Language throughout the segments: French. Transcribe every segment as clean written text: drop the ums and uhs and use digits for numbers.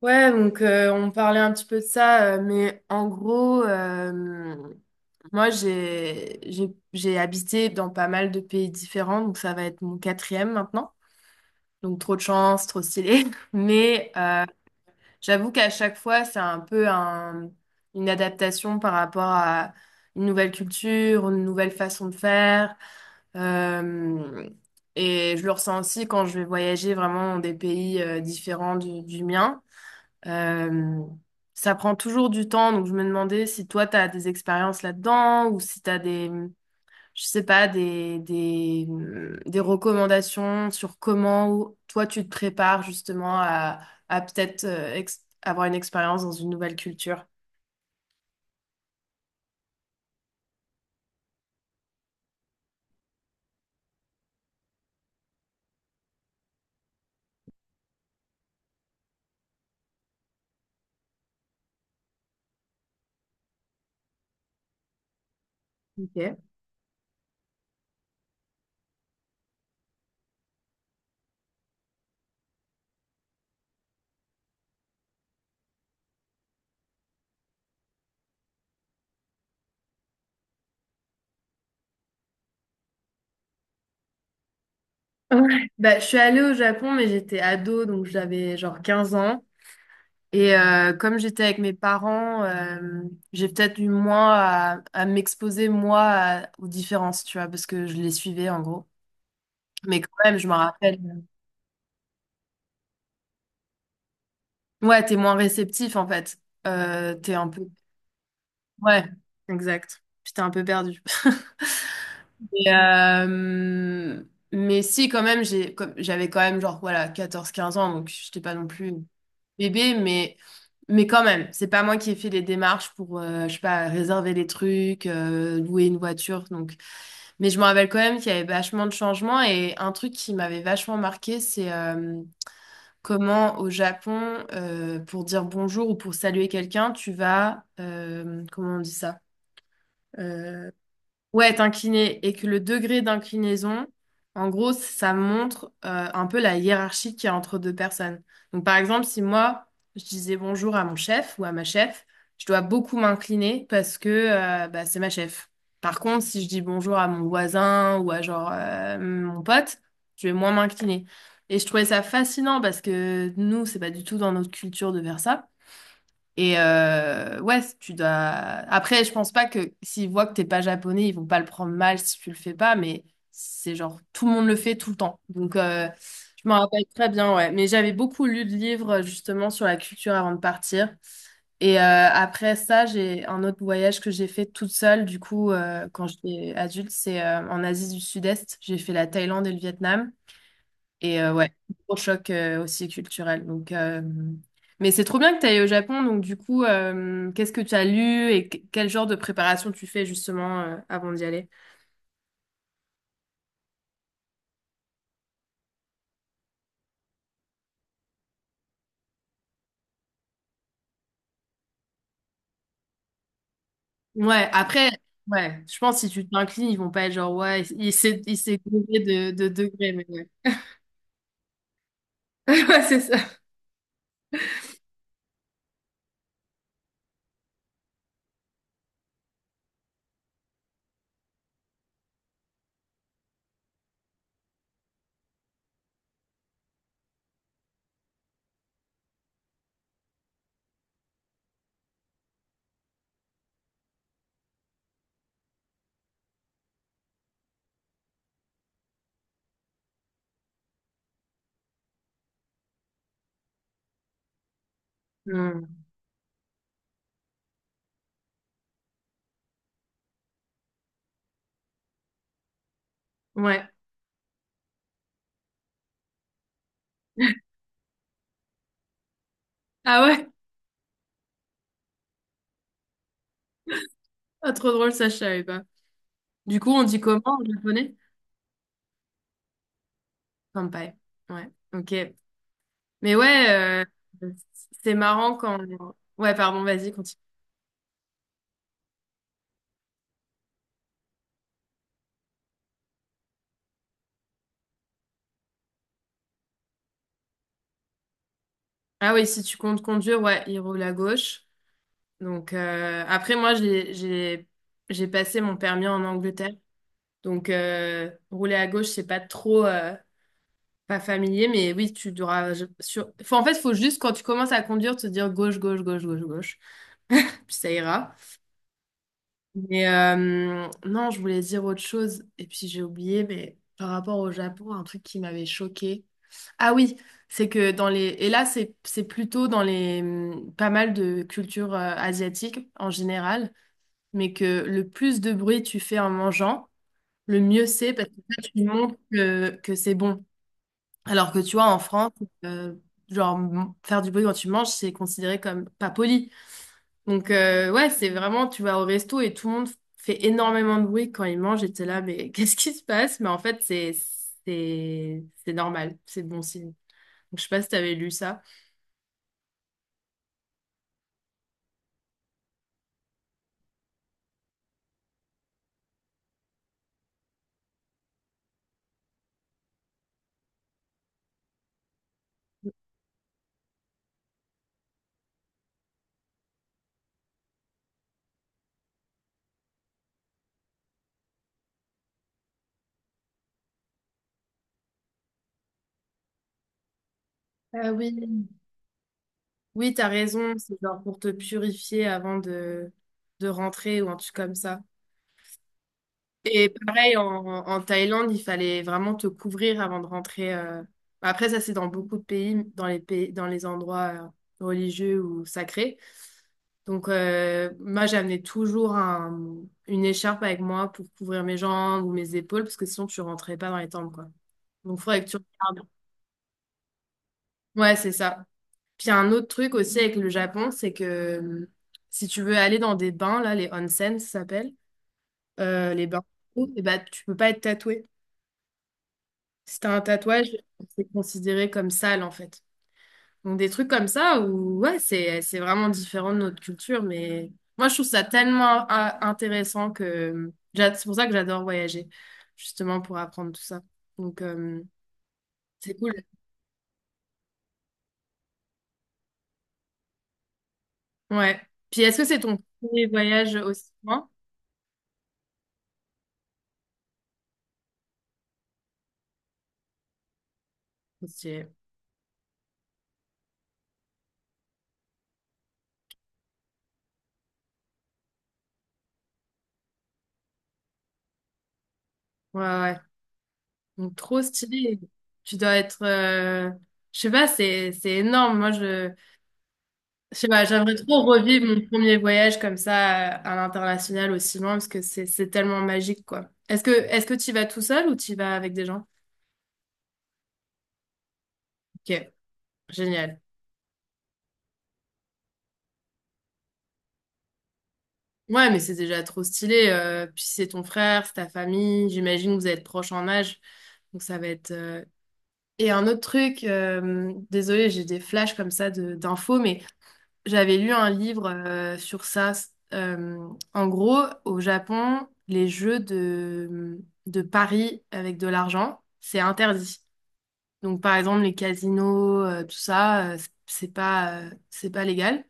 Ouais, donc on parlait un petit peu de ça, mais en gros, moi j'ai habité dans pas mal de pays différents, donc ça va être mon quatrième maintenant. Donc trop de chance, trop stylé. Mais j'avoue qu'à chaque fois, c'est un peu une adaptation par rapport à une nouvelle culture, une nouvelle façon de faire. Euh, et je le ressens aussi quand je vais voyager vraiment dans des pays différents du mien. Euh, Ça prend toujours du temps, donc je me demandais si toi, tu as des expériences là-dedans ou si tu as des, je sais pas, des recommandations sur comment toi, tu te prépares justement à peut-être avoir une expérience dans une nouvelle culture. Ok. Ouais. Bah, je suis allée au Japon, mais j'étais ado, donc j'avais genre 15 ans. Et comme j'étais avec mes parents, j'ai peut-être eu moins à m'exposer, moi, aux différences, tu vois, parce que je les suivais, en gros. Mais quand même, je me rappelle. Ouais, t'es moins réceptif, en fait. T'es un peu. Ouais, exact. Puis t'es un peu perdu. Et, mais si, quand même, j'avais quand même, genre, voilà, 14-15 ans, donc j'étais pas non plus bébé, mais quand même, c'est pas moi qui ai fait les démarches pour, je sais pas, réserver les trucs, louer une voiture. Donc. Mais je me rappelle quand même qu'il y avait vachement de changements et un truc qui m'avait vachement marqué, c'est comment au Japon, pour dire bonjour ou pour saluer quelqu'un, tu vas, comment on dit ça? euh, Ouais, t'incliner et que le degré d'inclinaison, en gros, ça montre un peu la hiérarchie qu'il y a entre deux personnes. Donc, par exemple, si moi, je disais bonjour à mon chef ou à ma chef, je dois beaucoup m'incliner parce que bah, c'est ma chef. Par contre, si je dis bonjour à mon voisin ou à genre mon pote, je vais moins m'incliner. Et je trouvais ça fascinant parce que nous, c'est pas du tout dans notre culture de faire ça. Et ouais, tu dois. Après, je pense pas que s'ils voient que t'es pas japonais, ils vont pas le prendre mal si tu le fais pas, mais c'est genre tout le monde le fait tout le temps. Donc, je m'en rappelle très bien, ouais. Mais j'avais beaucoup lu de livres justement sur la culture avant de partir. Et après ça, j'ai un autre voyage que j'ai fait toute seule, du coup, quand j'étais adulte, c'est en Asie du Sud-Est. J'ai fait la Thaïlande et le Vietnam. Et ouais, gros choc aussi culturel. Donc. Mais c'est trop bien que tu ailles au Japon. Donc, du coup, qu'est-ce que tu as lu quel genre de préparation tu fais justement avant d'y aller? Ouais, après, ouais, je pense que si tu t'inclines, ils vont pas être genre, ouais, il s'est gouré de degrés. Mais ouais, Ouais, c'est ça. Hmm. Ouais. Ah ouais? Ah, trop drôle, ça, je savais pas. Du coup, on dit comment en japonais? Kanpai. Ouais, ok. Mais ouais, euh, c'est marrant quand. Ouais, pardon, vas-y, continue. Ah oui, si tu comptes conduire, ouais, il roule à gauche. Donc, après, moi, j'ai passé mon permis en Angleterre. Donc, rouler à gauche, c'est pas trop pas familier, mais oui, tu devras. Faut, en fait, faut juste quand tu commences à conduire, te dire gauche, gauche, gauche, gauche, gauche. Puis ça ira. Mais non, je voulais dire autre chose, et puis j'ai oublié, mais par rapport au Japon, un truc qui m'avait choqué. Ah oui, c'est que dans les, et là, c'est plutôt dans les, pas mal de cultures asiatiques en général, mais que le plus de bruit tu fais en mangeant, le mieux c'est parce que ça, tu montres que c'est bon. Alors que tu vois, en France, euh, genre faire du bruit quand tu manges, c'est considéré comme pas poli. Donc, ouais, c'est vraiment, tu vas au resto et tout le monde fait énormément de bruit quand ils mangent et t'es là, mais qu'est-ce qui se passe? Mais en fait, c'est normal, c'est bon signe. Donc, je sais pas si t'avais lu ça. Ah oui. Oui, t'as raison, c'est genre pour te purifier avant de rentrer ou un truc comme ça. Et pareil, en Thaïlande, il fallait vraiment te couvrir avant de rentrer. Après, ça, c'est dans beaucoup de pays, dans les endroits religieux ou sacrés. Donc, moi, j'amenais toujours une écharpe avec moi pour couvrir mes jambes ou mes épaules, parce que sinon, tu rentrais pas dans les tempes, quoi. Donc, il faudrait que tu regardes. Ouais, c'est ça. Puis, il y a un autre truc aussi avec le Japon, c'est que si tu veux aller dans des bains, là, les onsen, ça s'appelle, les bains, et bah, tu peux pas être tatoué. Si t'as un tatouage, c'est considéré comme sale, en fait. Donc des trucs comme ça où ouais, c'est vraiment différent de notre culture, mais moi je trouve ça tellement intéressant que c'est pour ça que j'adore voyager, justement pour apprendre tout ça. Donc, c'est cool. Ouais. Puis est-ce que c'est ton premier voyage aussi loin? Trop stylé. Ouais, ouais. Donc trop stylé. Tu dois être je sais pas, c'est énorme. Moi je sais pas, j'aimerais trop revivre mon premier voyage comme ça à l'international aussi loin parce que c'est tellement magique quoi. Est-ce que tu y vas tout seul ou tu y vas avec des gens? Ok, génial. Ouais, mais c'est déjà trop stylé. Puis c'est ton frère, c'est ta famille. J'imagine que vous êtes proches en âge, donc ça va être. Et un autre truc, désolé, j'ai des flashs comme ça de d'infos, mais j'avais lu un livre sur ça. Euh, En gros, au Japon, les jeux de paris avec de l'argent, c'est interdit. Donc, par exemple, les casinos, tout ça, c'est pas légal.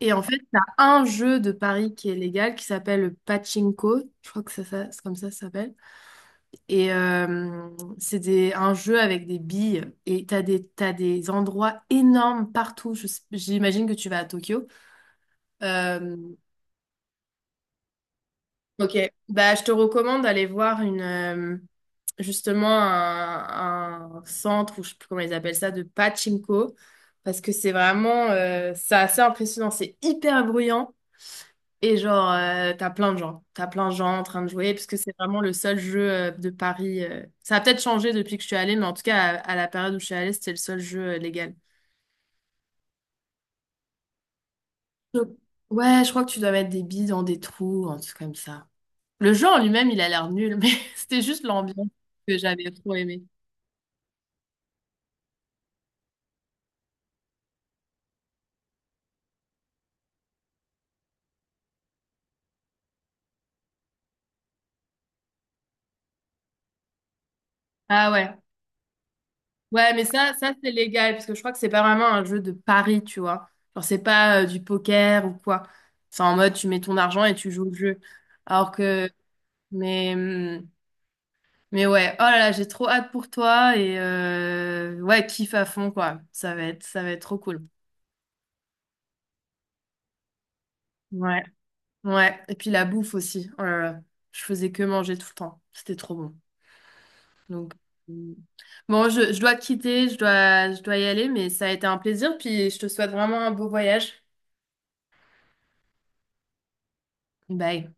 Et en fait, t'as un jeu de paris qui est légal qui s'appelle le pachinko. Je crois que c'est comme ça ça s'appelle. Et c'est un jeu avec des billes. Et t'as des endroits énormes partout. J'imagine que tu vas à Tokyo. Ok, bah, je te recommande d'aller voir justement un centre, ou je sais plus comment ils appellent ça, de pachinko, parce que c'est vraiment, c'est assez impressionnant, c'est hyper bruyant, et genre, t'as plein de gens en train de jouer, parce que c'est vraiment le seul jeu de paris. Ça a peut-être changé depuis que je suis allée, mais en tout cas, à la période où je suis allée, c'était le seul jeu légal. Je- Ouais, je crois que tu dois mettre des billes dans des trous, un truc comme ça. Le jeu en lui-même, il a l'air nul, mais c'était juste l'ambiance que j'avais trop aimé. Ah ouais. Ouais, mais ça c'est légal, parce que je crois que c'est pas vraiment un jeu de pari, tu vois. Genre, c'est pas du poker ou quoi. C'est en mode, tu mets ton argent et tu joues le jeu. Alors que, mais, hum, mais ouais, oh là là, j'ai trop hâte pour toi et ouais, kiffe à fond, quoi. Ça va être trop cool. Ouais, ouais. Et puis la bouffe aussi. Oh là là, je faisais que manger tout le temps. C'était trop bon. Donc, euh, bon, je dois te quitter, je dois y aller, mais ça a été un plaisir, puis je te souhaite vraiment un beau voyage. Bye.